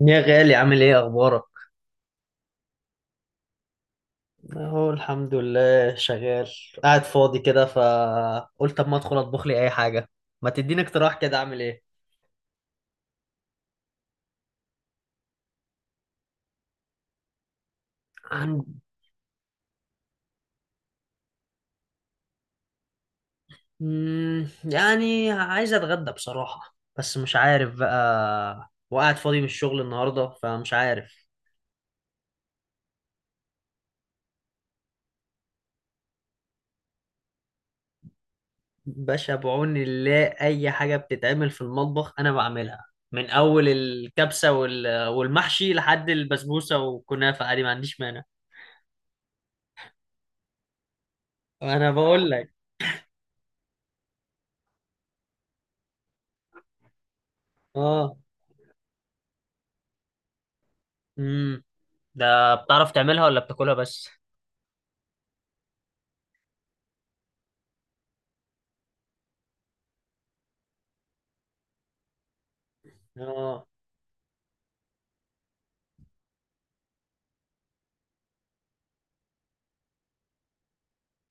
يا غالي، عامل ايه؟ اخبارك. اهو الحمد لله شغال. قاعد فاضي كده، فقلت طب ما ادخل اطبخ لي اي حاجه. ما تديني اقتراح كده، اعمل ايه؟ عن... يعني عايز اتغدى بصراحه، بس مش عارف بقى، وقاعد فاضي من الشغل النهارده، فمش عارف. باشا، بعون الله اي حاجه بتتعمل في المطبخ انا بعملها. من اول الكبسه والمحشي لحد البسبوسه والكنافه، عادي ما عنديش مانع. انا بقول لك. اه. امم. ده بتعرف تعملها ولا بتاكلها بس؟ اه.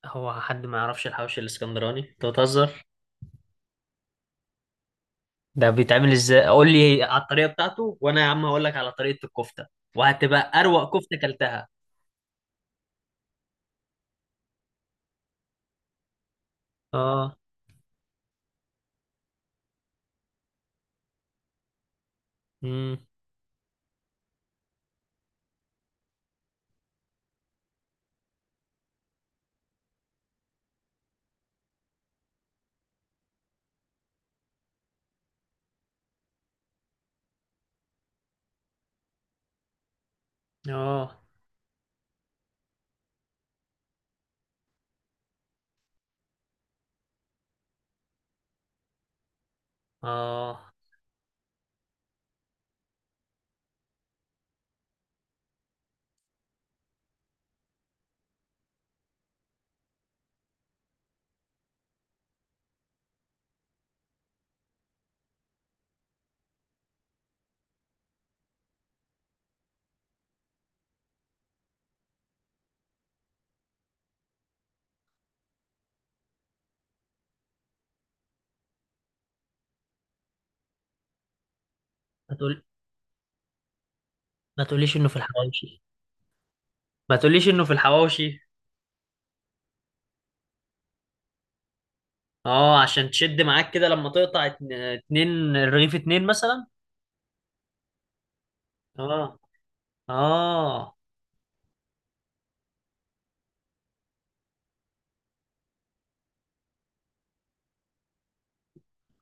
هو حد ما يعرفش الحوش الاسكندراني؟ انت بتهزر. ده بيتعمل ازاي؟ قول لي على الطريقه بتاعته، وانا يا عم هقول لك على طريقه الكفته، وهتبقى اروق كفته كلتها. اه. امم. اه. اه. ما تقول. ما تقوليش انه في الحواوشي. ما تقوليش انه في الحواوشي. اه، عشان تشد معاك كده لما تقطع 2 الرغيف 2 مثلا. اه. اه.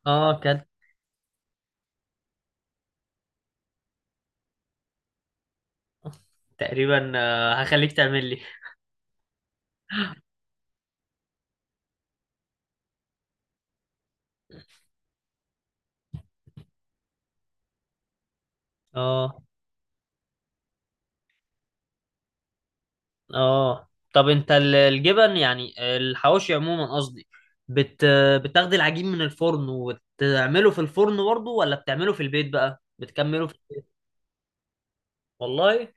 اه، كانت. تقريبا. هخليك تعمل لي. اه. اه، طب انت الجبن، يعني الحواوشي عموما قصدي. بت... بتاخد العجين من الفرن وتعمله في الفرن برضه، ولا بتعمله في البيت؟ بقى بتكمله في البيت. والله.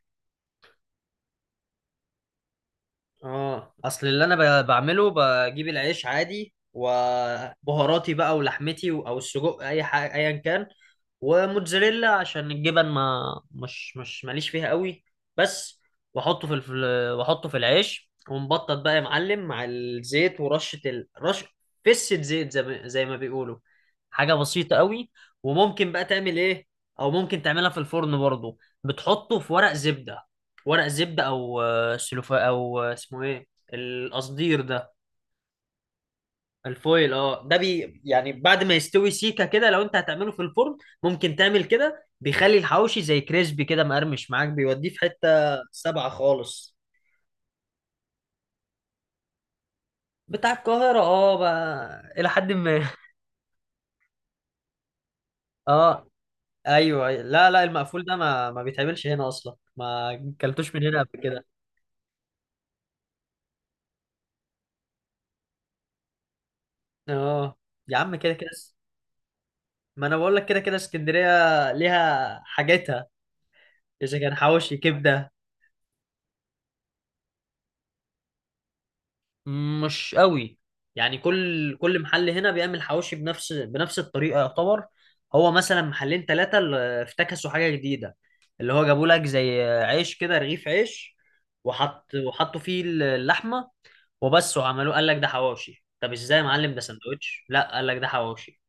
اه، اصل اللي انا بعمله، بجيب العيش عادي وبهاراتي بقى ولحمتي او السجق، اي حاجه ايا كان. وموتزاريلا عشان الجبن. ما مش ماليش فيها قوي. بس واحطه في الف... واحطه في العيش، ومبطط بقى يا معلم مع الزيت، رش فسه زيت، زي ما بيقولوا. حاجه بسيطه قوي. وممكن بقى تعمل ايه. او ممكن تعملها في الفرن برضو. بتحطه في ورق زبده. ورق زبدة، او سلوفا، او اسمه ايه، القصدير ده. الفويل، اه، ده بي يعني بعد ما يستوي سيكة كده، لو انت هتعمله في الفرن ممكن تعمل كده، بيخلي الحواوشي زي كريسبي كده، مقرمش معاك، بيوديه في حتة سبعة خالص. بتاع القاهرة، اه، بقى إلى حد ما. اه. ايوه. لا لا، المقفول ده ما بيتعملش هنا اصلا، ما كلتوش من هنا قبل كده. اه. يا عم، كده كده. ما انا بقول لك كده كده، اسكندرية ليها حاجتها. اذا كان حواوشي كبدة. مش قوي، يعني كل محل هنا بيعمل حواوشي بنفس الطريقه يعتبر. هو مثلا محلين ثلاثه افتكسوا حاجه جديده، اللي هو جابوا لك زي عيش كده، رغيف عيش، وحطوا فيه اللحمه وبس، وعملوه، قال لك ده حواوشي. طب ازاي يا معلم؟ ده سندوتش. لا، قال لك ده حواوشي.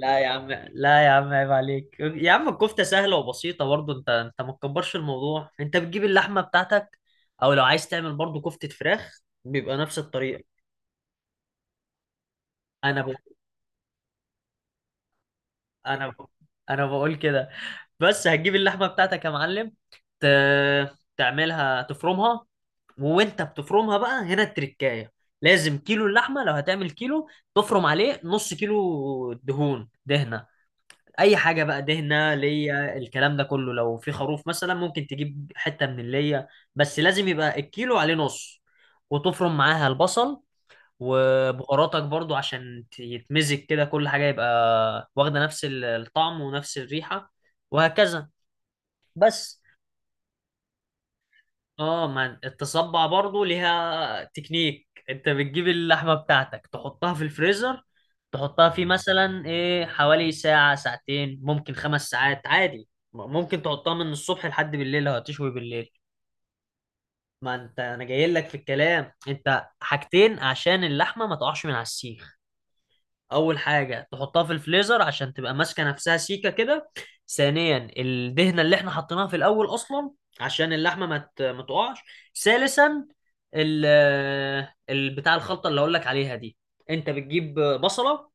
لا يا عم، لا يا عم، عيب عليك يا عم. الكفته سهله وبسيطه برضه. انت ما تكبرش الموضوع. انت بتجيب اللحمه بتاعتك، او لو عايز تعمل برضه كفته فراخ بيبقى نفس الطريقه. انا بقول انا بقول انا بقول كده. بس هتجيب اللحمه بتاعتك يا معلم. ت... تعملها، تفرمها. وانت بتفرمها بقى هنا، التركايه لازم كيلو اللحمه، لو هتعمل كيلو تفرم عليه نص كيلو دهون، دهنه اي حاجه بقى، دهنه ليا الكلام ده كله، لو في خروف مثلا ممكن تجيب حته من الليا. بس لازم يبقى الكيلو عليه نص. وتفرم معاها البصل وبهاراتك برضو، عشان يتمزج كده، كل حاجة يبقى واخدة نفس الطعم ونفس الريحة، وهكذا. بس. اه، ما التصبع برضو ليها تكنيك. انت بتجيب اللحمة بتاعتك، تحطها في الفريزر، تحطها فيه مثلا ايه حوالي ساعة، ساعتين، ممكن 5 ساعات عادي، ممكن تحطها من الصبح لحد بالليل لو هتشوي بالليل. ما انت انا جاي لك في الكلام. انت حاجتين عشان اللحمة ما تقعش من على السيخ: اول حاجه تحطها في الفليزر عشان تبقى ماسكه نفسها سيكه كده. ثانيا، الدهنه اللي احنا حطيناها في الاول اصلا، عشان اللحمه ما تقعش. ثالثا، ال بتاع الخلطه اللي اقول لك عليها دي: انت بتجيب بصله،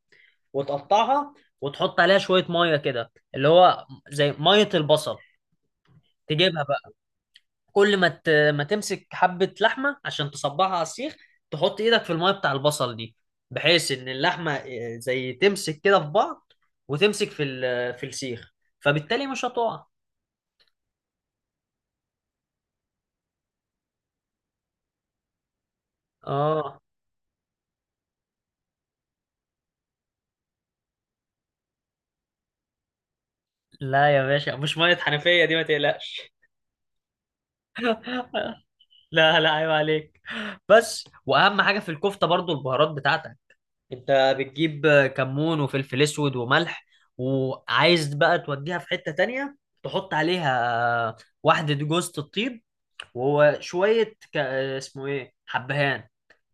وتقطعها، وتحط عليها شويه ميه كده، اللي هو زي ميه البصل. تجيبها، كل ما تمسك حبة لحمة عشان تصبعها على السيخ، تحط ايدك في المية بتاع البصل دي، بحيث ان اللحمة زي تمسك كده في بعض، وتمسك في السيخ. فبالتالي مش هتقع. اه. لا يا باشا، مش مية حنفية دي، ما تقلقش. لا لا، عيب عليك. بس، واهم حاجة في الكفتة برضو البهارات بتاعتك. انت بتجيب كمون وفلفل اسود وملح. وعايز بقى توديها في حتة تانية، تحط عليها واحدة جوزة الطيب، وهو شوية اسمه ايه، حبهان.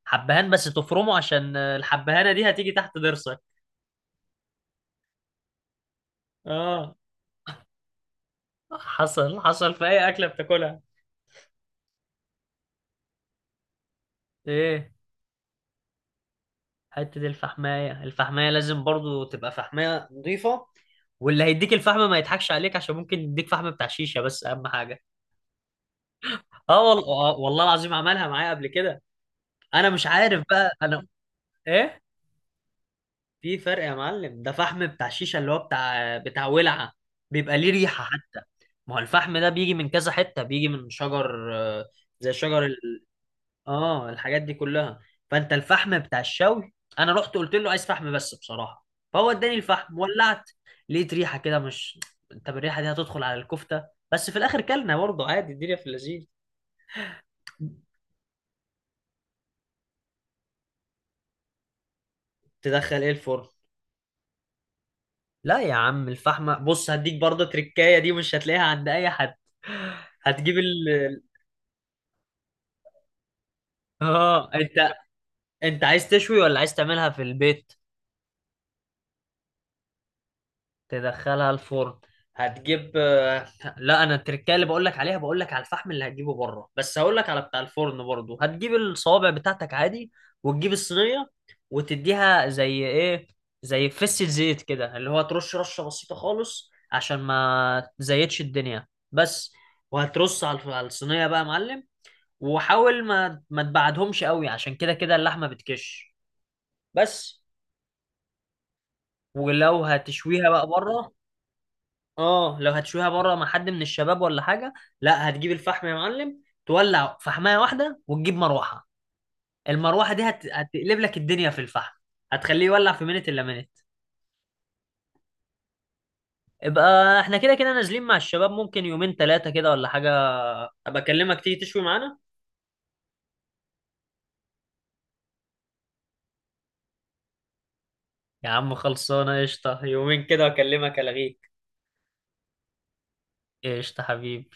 حبهان، بس تفرمه عشان الحبهانة دي هتيجي تحت ضرسك. اه، حصل حصل في اي اكلة بتاكلها. ايه؟ حتة الفحماية. الفحماية لازم برضو تبقى فحماية نظيفة، واللي هيديك الفحم ما يضحكش عليك، عشان ممكن يديك فحم بتاع شيشة. بس اهم حاجة. اه والله. آه، والله العظيم عملها معايا قبل كده. انا مش عارف بقى، انا. ايه؟ في فرق يا معلم، ده فحم بتاع الشيشه، اللي هو بتاع ولعه، بيبقى ليه ريحه حتى. ما هو الفحم ده بيجي من كذا حته، بيجي من شجر، زي اه، الحاجات دي كلها. فانت الفحم بتاع الشوي، انا رحت قلت له عايز فحم بس بصراحه، فهو اداني الفحم، ولعت، لقيت ريحه كده مش. انت بالريحه دي هتدخل على الكفته. بس في الاخر كلنا برضه عادي، الدنيا في اللذيذ. تدخل ايه الفرن؟ لا يا عم، الفحمة بص هديك برضه تركاية دي، مش هتلاقيها عند اي حد. هتجيب ال- اه. انت، انت عايز تشوي ولا عايز تعملها في البيت؟ تدخلها الفرن. هتجيب. لا، انا التركية اللي بقول لك عليها، بقول لك على الفحم اللي هتجيبه بره. بس هقول لك على بتاع الفرن برضو. هتجيب الصوابع بتاعتك عادي، وتجيب الصينية، وتديها زي ايه، زي فسة زيت كده، اللي هو ترش رشة بسيطة خالص، عشان ما تزيتش الدنيا. بس. وهترص على الصينية بقى يا معلم، وحاول ما تبعدهمش قوي، عشان كده كده اللحمة بتكش. بس. ولو هتشويها بقى بره، اه لو هتشويها بره مع حد من الشباب ولا حاجه، لا هتجيب الفحم يا معلم، تولع فحمايه واحده، وتجيب مروحه. المروحه دي هتقلب لك الدنيا في الفحم، هتخليه يولع في منت الا منت. يبقى احنا كده كده نازلين مع الشباب ممكن يومين ثلاثه كده ولا حاجه، ابقى اكلمك تيجي تشوي معانا. يا عم خلصانه، قشطه، يومين كده واكلمك الغيك. قشطه حبيبي.